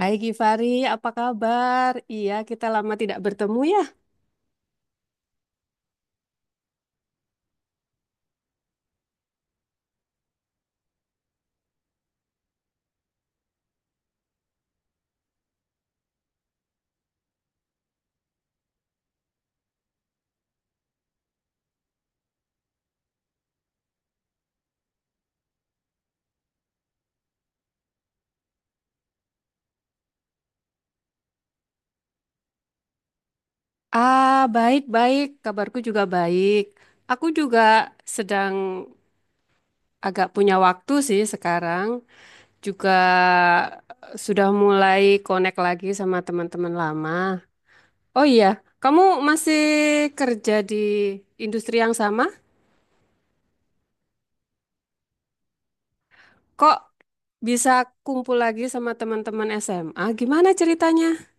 Hai Gifari, apa kabar? Iya, kita lama tidak bertemu ya. Ah, baik-baik. Kabarku juga baik. Aku juga sedang agak punya waktu sih sekarang. Juga sudah mulai connect lagi sama teman-teman lama. Oh iya, kamu masih kerja di industri yang sama? Kok bisa kumpul lagi sama teman-teman SMA? Gimana ceritanya?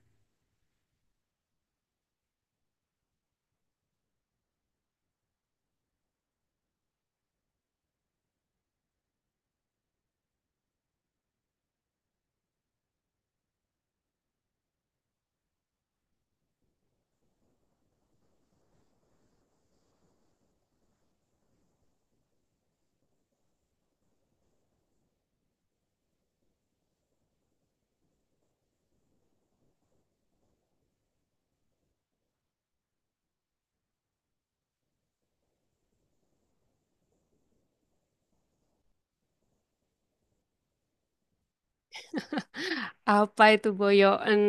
Apa itu boyoen?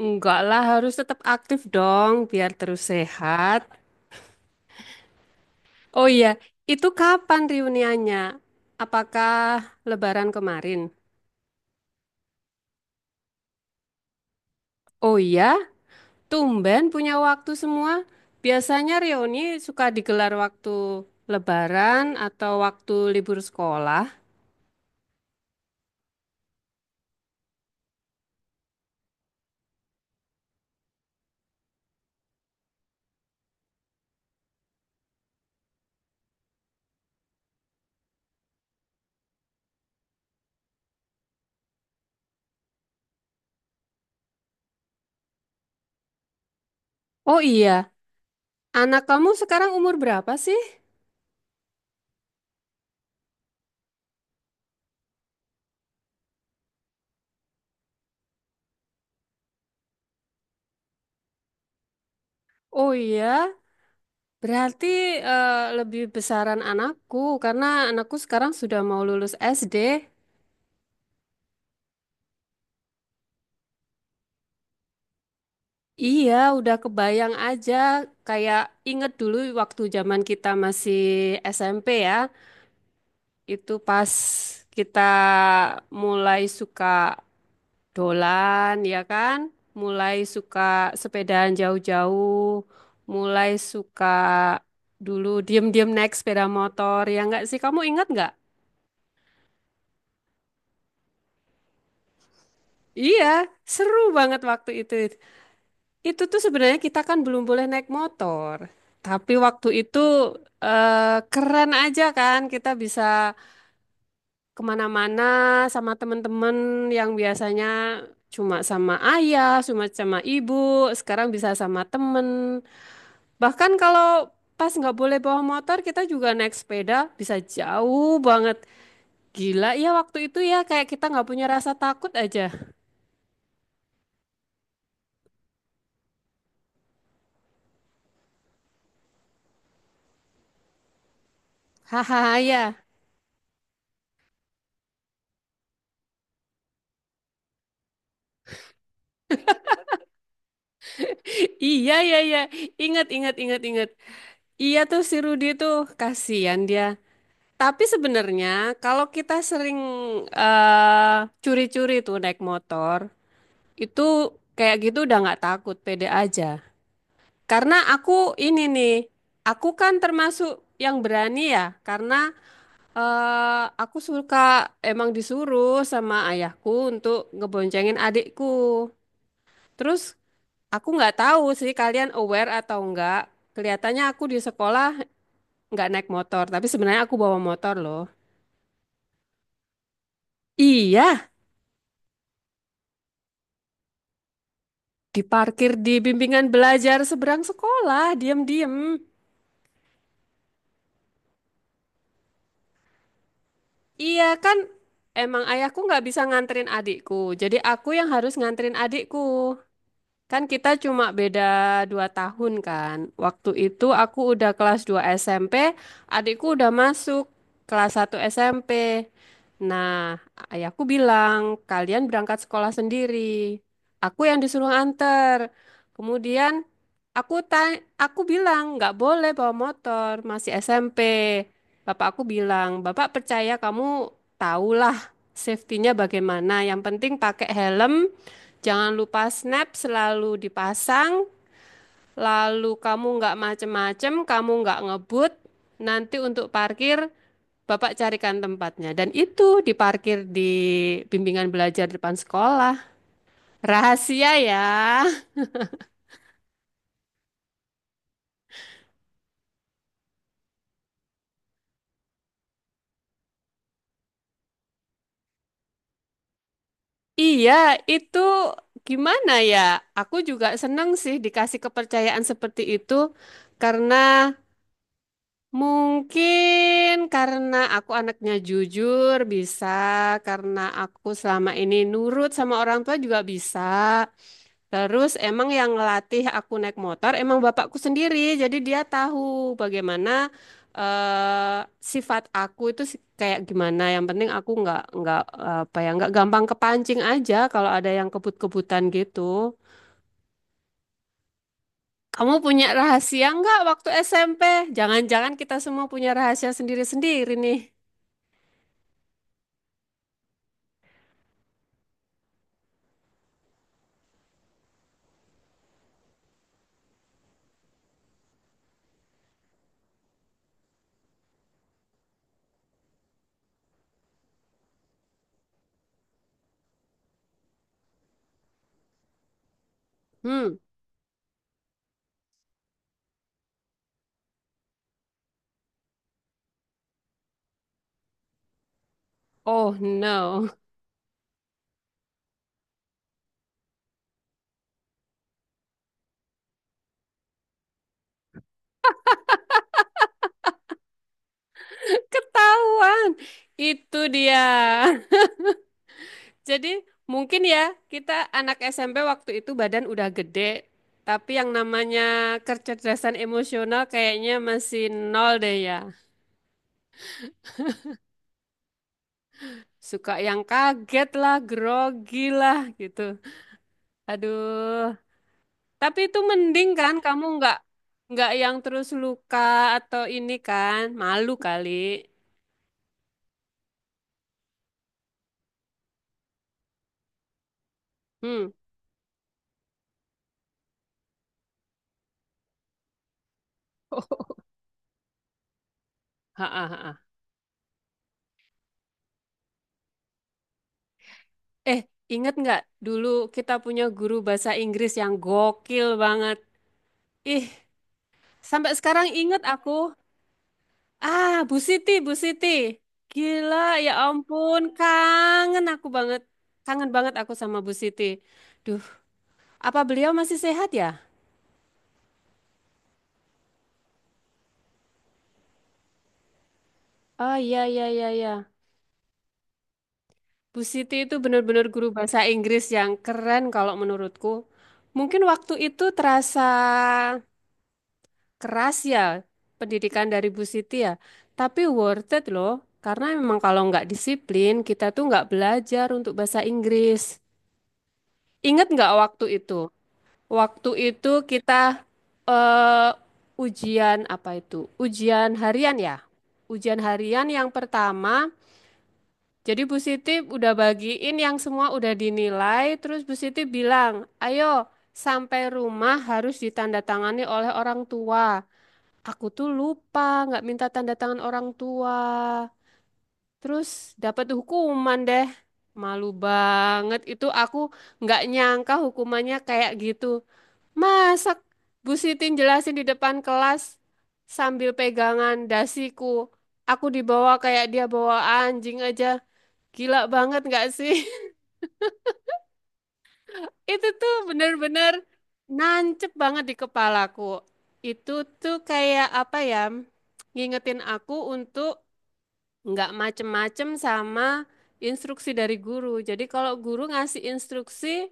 Enggak lah, harus tetap aktif dong biar terus sehat. Oh iya, itu kapan reuniannya? Apakah lebaran kemarin? Oh iya, tumben punya waktu semua. Biasanya reuni suka digelar waktu lebaran atau waktu libur sekolah. Oh iya, anak kamu sekarang umur berapa sih? Oh iya, berarti eh, lebih besaran anakku karena anakku sekarang sudah mau lulus SD. Iya, udah kebayang aja kayak inget dulu waktu zaman kita masih SMP ya. Itu pas kita mulai suka dolan ya kan, mulai suka sepedaan jauh-jauh, mulai suka dulu diem-diem naik sepeda motor ya nggak sih? Kamu ingat nggak? Iya, seru banget waktu itu. Itu tuh sebenarnya kita kan belum boleh naik motor. Tapi waktu itu keren aja kan kita bisa kemana-mana sama temen-temen yang biasanya cuma sama ayah, cuma sama ibu, sekarang bisa sama temen. Bahkan kalau pas nggak boleh bawa motor, kita juga naik sepeda bisa jauh banget. Gila ya waktu itu ya kayak kita nggak punya rasa takut aja. Hahaha ya. Iya ya ya. Ingat ingat ingat ingat. Iya tuh si Rudy tuh kasihan dia. Tapi sebenarnya kalau kita sering eh, curi-curi tuh naik motor, itu kayak gitu udah nggak takut, pede aja. Karena aku ini nih, aku kan termasuk yang berani ya, karena aku suka emang disuruh sama ayahku untuk ngeboncengin adikku. Terus aku nggak tahu sih kalian aware atau enggak. Kelihatannya aku di sekolah nggak naik motor, tapi sebenarnya aku bawa motor loh. Iya, diparkir di bimbingan belajar seberang sekolah, diam-diam. Iya kan, emang ayahku nggak bisa nganterin adikku, jadi aku yang harus nganterin adikku. Kan kita cuma beda dua tahun kan. Waktu itu aku udah kelas 2 SMP, adikku udah masuk kelas 1 SMP. Nah, ayahku bilang, kalian berangkat sekolah sendiri. Aku yang disuruh anter. Kemudian aku tanya, aku bilang, nggak boleh bawa motor, masih SMP. Bapak aku bilang, Bapak percaya kamu tahulah safety-nya bagaimana. Yang penting pakai helm, jangan lupa snap selalu dipasang, lalu kamu nggak macem-macem, kamu nggak ngebut. Nanti untuk parkir, Bapak carikan tempatnya. Dan itu diparkir di bimbingan belajar depan sekolah. Rahasia ya. Iya, itu gimana ya? Aku juga seneng sih dikasih kepercayaan seperti itu, karena mungkin karena aku anaknya jujur bisa, karena aku selama ini nurut sama orang tua juga bisa. Terus emang yang ngelatih aku naik motor emang bapakku sendiri, jadi dia tahu bagaimana eh, sifat aku itu kayak gimana. Yang penting aku nggak apa ya, nggak gampang kepancing aja kalau ada yang kebut-kebutan gitu. Kamu punya rahasia nggak waktu SMP? Jangan-jangan kita semua punya rahasia sendiri-sendiri nih. Hmm. Oh no, ketahuan. Itu dia. Jadi mungkin ya kita anak SMP waktu itu badan udah gede, tapi yang namanya kecerdasan emosional kayaknya masih nol deh ya. Suka yang kaget lah, grogi lah gitu. Aduh, tapi itu mending kan kamu nggak yang terus luka atau ini kan malu kali. Hmm. Ha, ha, ha. Eh, ingat nggak dulu kita punya guru bahasa Inggris yang gokil banget. Ih, sampai sekarang ingat aku. Ah, Bu Siti, Bu Siti. Gila, ya ampun, kangen aku banget. Kangen banget aku sama Bu Siti. Duh, apa beliau masih sehat ya? Oh iya, iya, iya, iya. Bu Siti itu benar-benar guru bahasa Inggris yang keren kalau menurutku. Mungkin waktu itu terasa keras ya pendidikan dari Bu Siti ya. Tapi worth it loh, karena memang kalau nggak disiplin, kita tuh nggak belajar untuk bahasa Inggris. Ingat nggak waktu itu? Waktu itu kita eh, ujian apa itu? Ujian harian ya. Ujian harian yang pertama, jadi Bu Siti udah bagiin yang semua udah dinilai, terus Bu Siti bilang, ayo sampai rumah harus ditandatangani oleh orang tua. Aku tuh lupa nggak minta tanda tangan orang tua. Terus dapat hukuman deh. Malu banget itu aku nggak nyangka hukumannya kayak gitu. Masa Bu Siti jelasin di depan kelas sambil pegangan dasiku. Aku dibawa kayak dia bawa anjing aja. Gila banget nggak sih? Itu tuh bener-bener nancep banget di kepalaku. Itu tuh kayak apa ya? Ngingetin aku untuk nggak macem-macem sama instruksi dari guru. Jadi kalau guru ngasih instruksi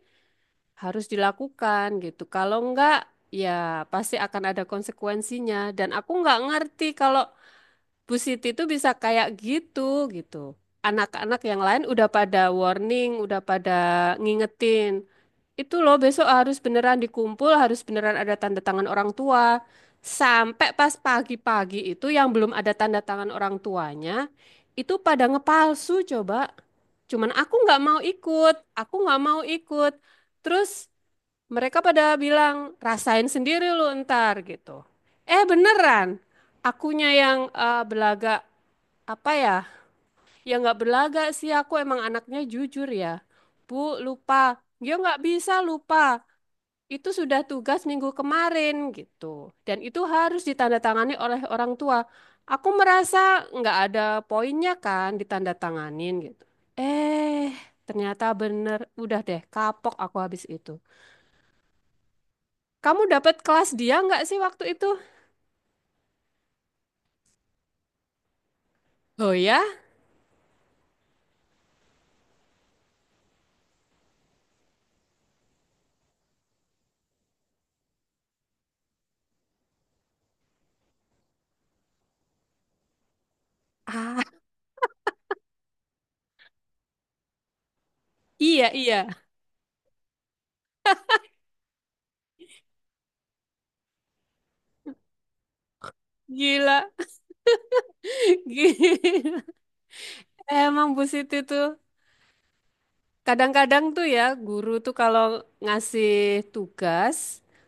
harus dilakukan gitu. Kalau nggak ya pasti akan ada konsekuensinya. Dan aku nggak ngerti kalau Bu Siti itu bisa kayak gitu gitu. Anak-anak yang lain udah pada warning, udah pada ngingetin. Itu loh besok harus beneran dikumpul, harus beneran ada tanda tangan orang tua. Sampai pas pagi-pagi itu yang belum ada tanda tangan orang tuanya, itu pada ngepalsu coba. Cuman aku nggak mau ikut, aku nggak mau ikut. Terus mereka pada bilang, rasain sendiri lu ntar gitu. Eh beneran, akunya yang belagak apa ya? Yang nggak belagak sih, aku emang anaknya jujur ya. Bu, lupa. Dia nggak bisa lupa itu sudah tugas minggu kemarin gitu. Dan itu harus ditandatangani oleh orang tua. Aku merasa nggak ada poinnya kan ditandatanganin gitu. Eh, ternyata bener. Udah deh, kapok aku habis itu. Kamu dapat kelas dia nggak sih waktu itu? Oh ya? Ah, iya, iya. Gila. Gila. Emang Bu Siti tuh. Kadang-kadang tuh ya guru tuh kalau ngasih tugas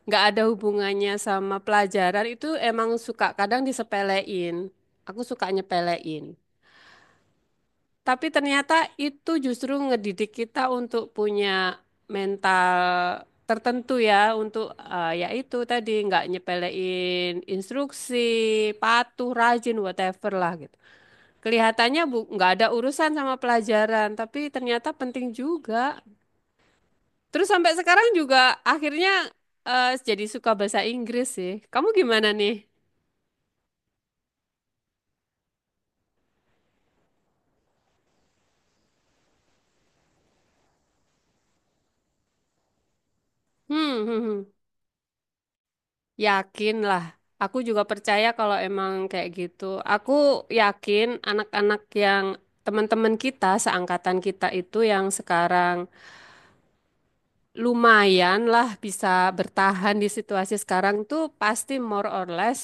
nggak ada hubungannya sama pelajaran itu emang suka kadang disepelein. Aku suka nyepelein. Tapi ternyata itu justru ngedidik kita untuk punya mental tertentu ya untuk ya itu tadi nggak nyepelein instruksi, patuh, rajin, whatever lah gitu. Kelihatannya bu nggak ada urusan sama pelajaran, tapi ternyata penting juga. Terus sampai sekarang juga akhirnya jadi suka bahasa Inggris sih. Kamu gimana nih? Hmm, hmm, hmm. Yakin lah. Aku juga percaya kalau emang kayak gitu. Aku yakin anak-anak yang teman-teman kita, seangkatan kita itu yang sekarang lumayan lah bisa bertahan di situasi sekarang tuh pasti more or less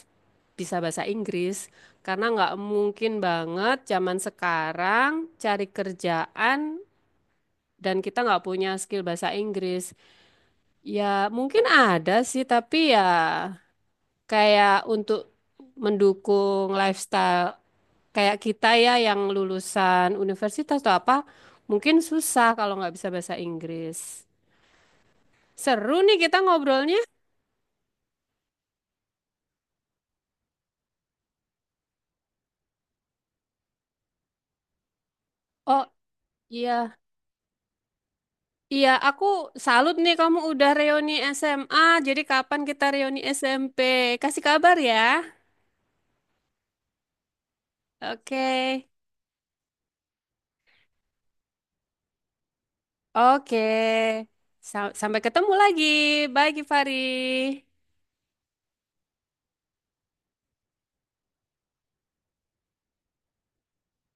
bisa bahasa Inggris. Karena nggak mungkin banget zaman sekarang cari kerjaan dan kita nggak punya skill bahasa Inggris. Ya mungkin ada sih, tapi ya kayak untuk mendukung lifestyle kayak kita ya yang lulusan universitas atau apa, mungkin susah kalau nggak bisa bahasa Inggris. Seru nih kita ngobrolnya. Oh iya, iya aku salut nih kamu udah reuni SMA. Jadi kapan kita reuni SMP? Kasih kabar ya. Oke. Oke, sampai ketemu lagi. Bye, Givari.